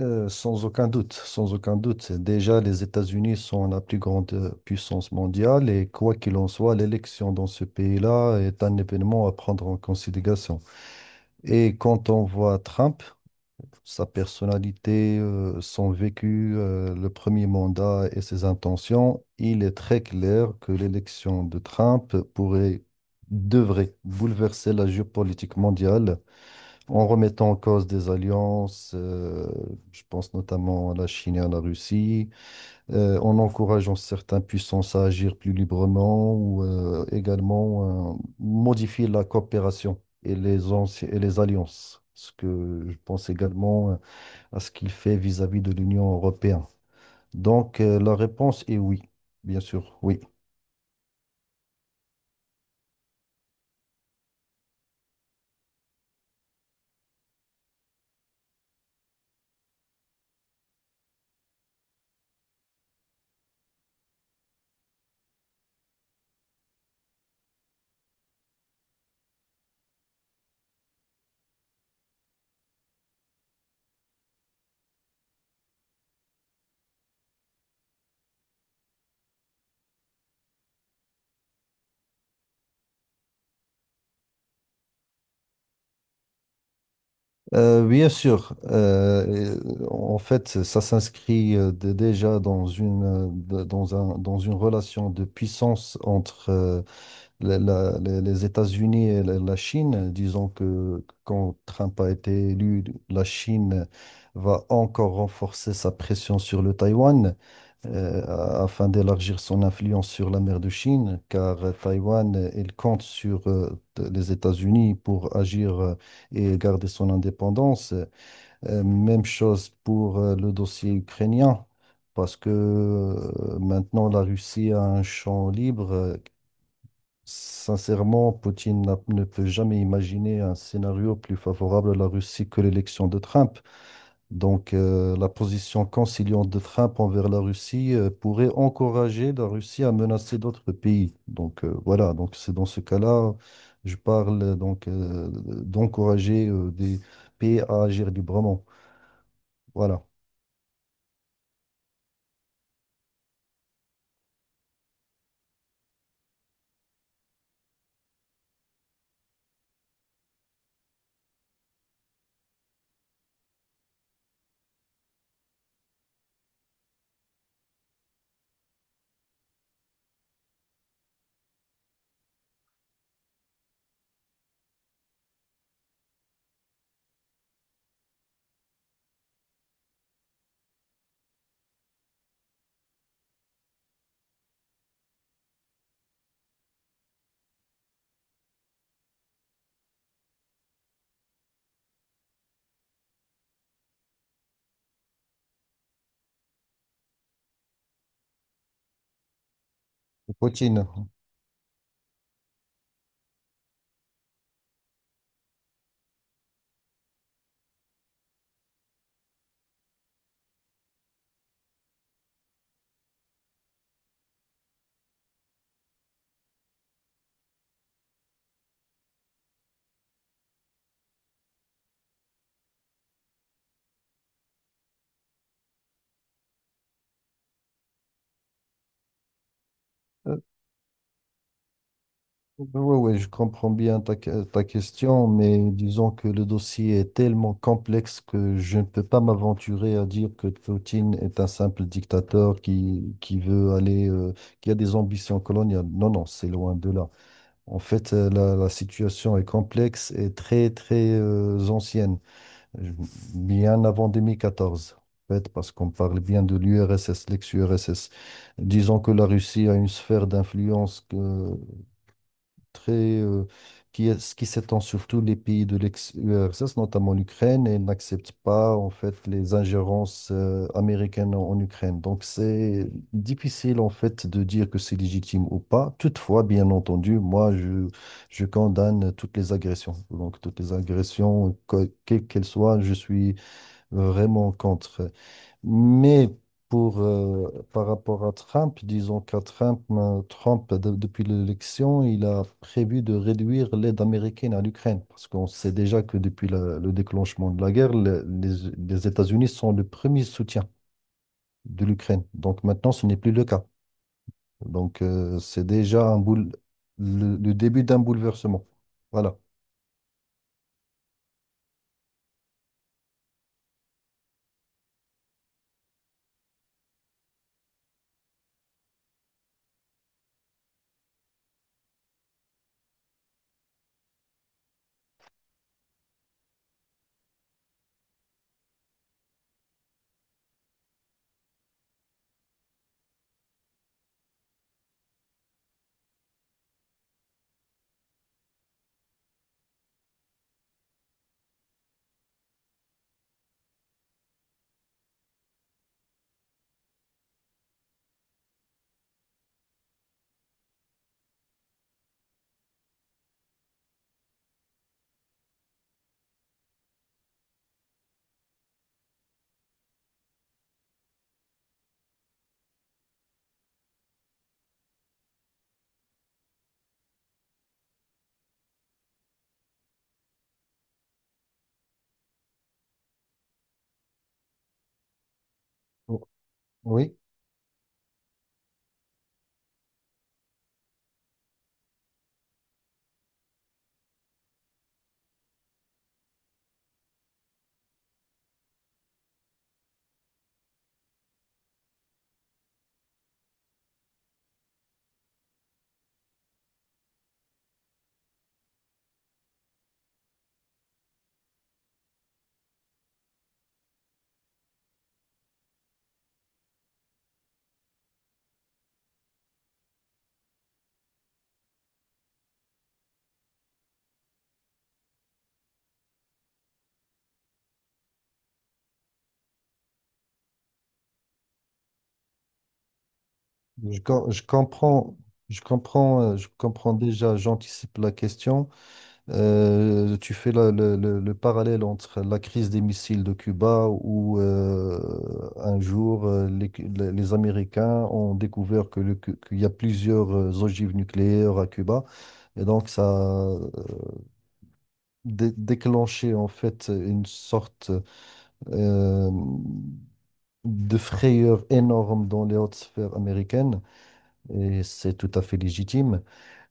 Sans aucun doute, sans aucun doute. Déjà, les États-Unis sont la plus grande puissance mondiale et quoi qu'il en soit, l'élection dans ce pays-là est un événement à prendre en considération. Et quand on voit Trump, sa personnalité, son vécu, le premier mandat et ses intentions, il est très clair que l'élection de Trump pourrait, devrait bouleverser la géopolitique mondiale en remettant en cause des alliances, je pense notamment à la Chine et à la Russie, en encourageant certaines puissances à agir plus librement ou également modifier la coopération et et les alliances. Ce que je pense également à ce qu'il fait vis-à-vis de l'Union européenne. Donc, la réponse est oui, bien sûr, oui. Bien sûr, et, en fait, ça s'inscrit déjà dans dans dans une relation de puissance entre les États-Unis et la Chine. Disons que quand Trump a été élu, la Chine va encore renforcer sa pression sur le Taïwan afin d'élargir son influence sur la mer de Chine, car Taïwan, elle compte sur les États-Unis pour agir et garder son indépendance. Même chose pour le dossier ukrainien, parce que maintenant la Russie a un champ libre. Sincèrement, Poutine n'a- ne peut jamais imaginer un scénario plus favorable à la Russie que l'élection de Trump. Donc, la position conciliante de Trump envers la Russie pourrait encourager la Russie à menacer d'autres pays. Donc, voilà, donc c'est dans ce cas-là, je parle donc d'encourager des pays à agir librement. Voilà. Poutine. Oui, oui, je comprends bien ta question, mais disons que le dossier est tellement complexe que je ne peux pas m'aventurer à dire que Poutine est un simple dictateur qui veut aller, qui a des ambitions coloniales. Non, non, c'est loin de là. En fait, la situation est complexe et très, très, ancienne, Je- bien avant 2014. En fait, parce qu'on parle bien de l'URSS, l'ex-URSS. Disons que la Russie a une sphère d'influence très, euh, qui s'étend sur tous les pays de l'ex-URSS, notamment l'Ukraine, et n'accepte pas en fait les ingérences américaines en Ukraine. Donc c'est difficile en fait de dire que c'est légitime ou pas. Toutefois, bien entendu, je condamne toutes les agressions. Donc toutes les agressions, quelles qu'elles soient, je suis vraiment contre. Mais pour, par rapport à Trump, disons Trump, depuis l'élection, il a prévu de réduire l'aide américaine à l'Ukraine. Parce qu'on sait déjà que depuis le déclenchement de la guerre, les États-Unis sont le premier soutien de l'Ukraine. Donc maintenant, ce n'est plus le cas. Donc c'est déjà le début d'un bouleversement. Voilà. Oh, oui. Je comprends, je comprends, je comprends déjà, j'anticipe la question. Tu fais le parallèle entre la crise des missiles de Cuba où un jour les Américains ont découvert qu'il y a plusieurs ogives nucléaires à Cuba et donc ça a déclenché en fait une sorte euh, de frayeur énorme dans les hautes sphères américaines et c'est tout à fait légitime.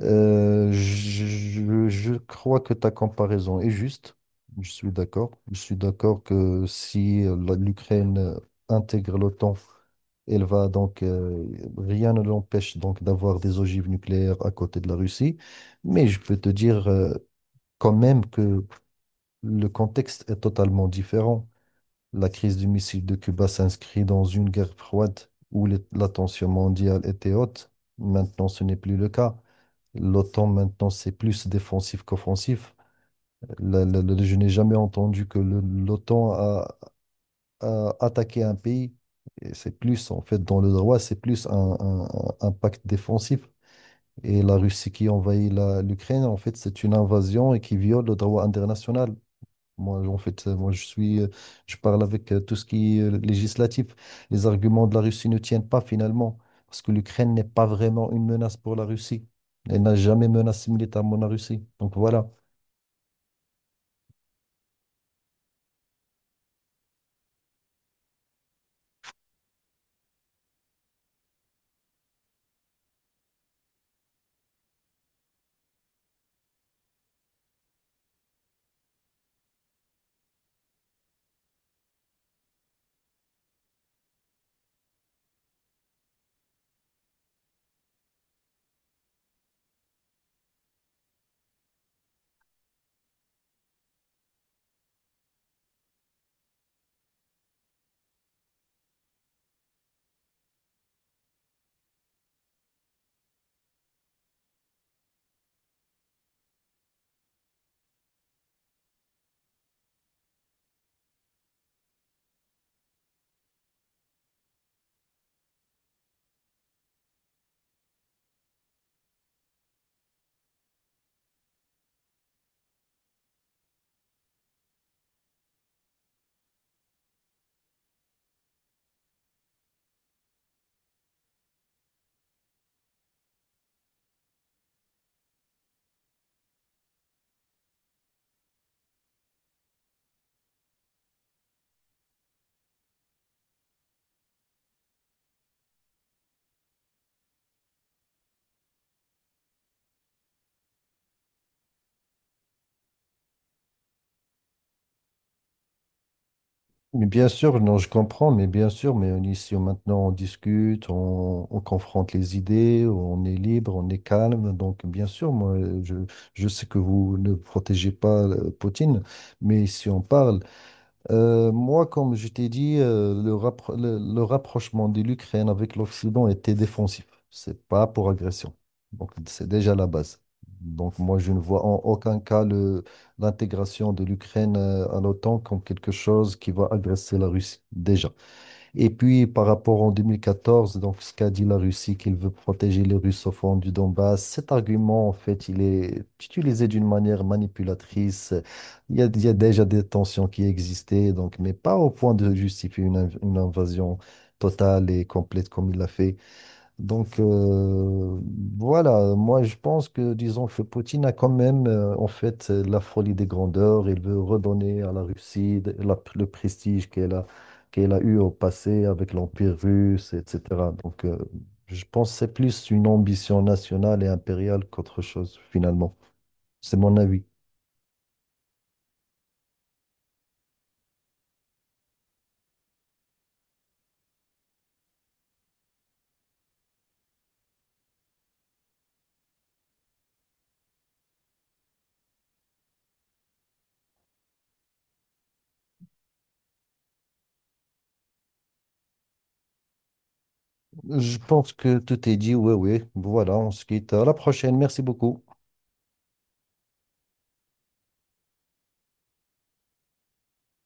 Je crois que ta comparaison est juste. Je suis d'accord. Je suis d'accord que si l'Ukraine intègre l'OTAN, elle va donc rien ne l'empêche donc d'avoir des ogives nucléaires à côté de la Russie. Mais je peux te dire quand même que le contexte est totalement différent. La crise du missile de Cuba s'inscrit dans une guerre froide où la tension mondiale était haute. Maintenant, ce n'est plus le cas. L'OTAN, maintenant, c'est plus défensif qu'offensif. Je n'ai jamais entendu que l'OTAN a attaqué un pays. Et c'est plus, en fait, dans le droit, c'est plus un pacte défensif. Et la Russie qui envahit l'Ukraine, en fait, c'est une invasion et qui viole le droit international. Moi, en fait, je suis, je parle avec tout ce qui est législatif. Les arguments de la Russie ne tiennent pas finalement, parce que l'Ukraine n'est pas vraiment une menace pour la Russie. Elle n'a jamais menacé militairement la Russie. Donc voilà. Mais bien sûr, non, je comprends, mais bien sûr, ici, maintenant, on discute, on confronte les idées, on est libre, on est calme. Donc bien sûr, je sais que vous ne protégez pas Poutine, mais si on parle, moi, comme je t'ai dit, le rapprochement de l'Ukraine avec l'Occident était défensif. C'est pas pour agression. Donc, c'est déjà la base. Donc, moi, je ne vois en aucun cas l'intégration de l'Ukraine à l'OTAN comme quelque chose qui va agresser la Russie, déjà. Et puis, par rapport en 2014, donc, ce qu'a dit la Russie, qu'il veut protéger les russophones du Donbass, cet argument, en fait, il est utilisé d'une manière manipulatrice. Il y a déjà des tensions qui existaient, donc, mais pas au point de justifier une invasion totale et complète comme il l'a fait. Donc voilà, moi je pense que disons que Poutine a quand même en fait la folie des grandeurs. Il veut redonner à la Russie le prestige qu'elle a, qu'elle a eu au passé avec l'Empire russe, etc. Donc je pense que c'est plus une ambition nationale et impériale qu'autre chose finalement. C'est mon avis. Je pense que tout est dit. Oui, oui. Voilà, on se quitte. À la prochaine. Merci beaucoup.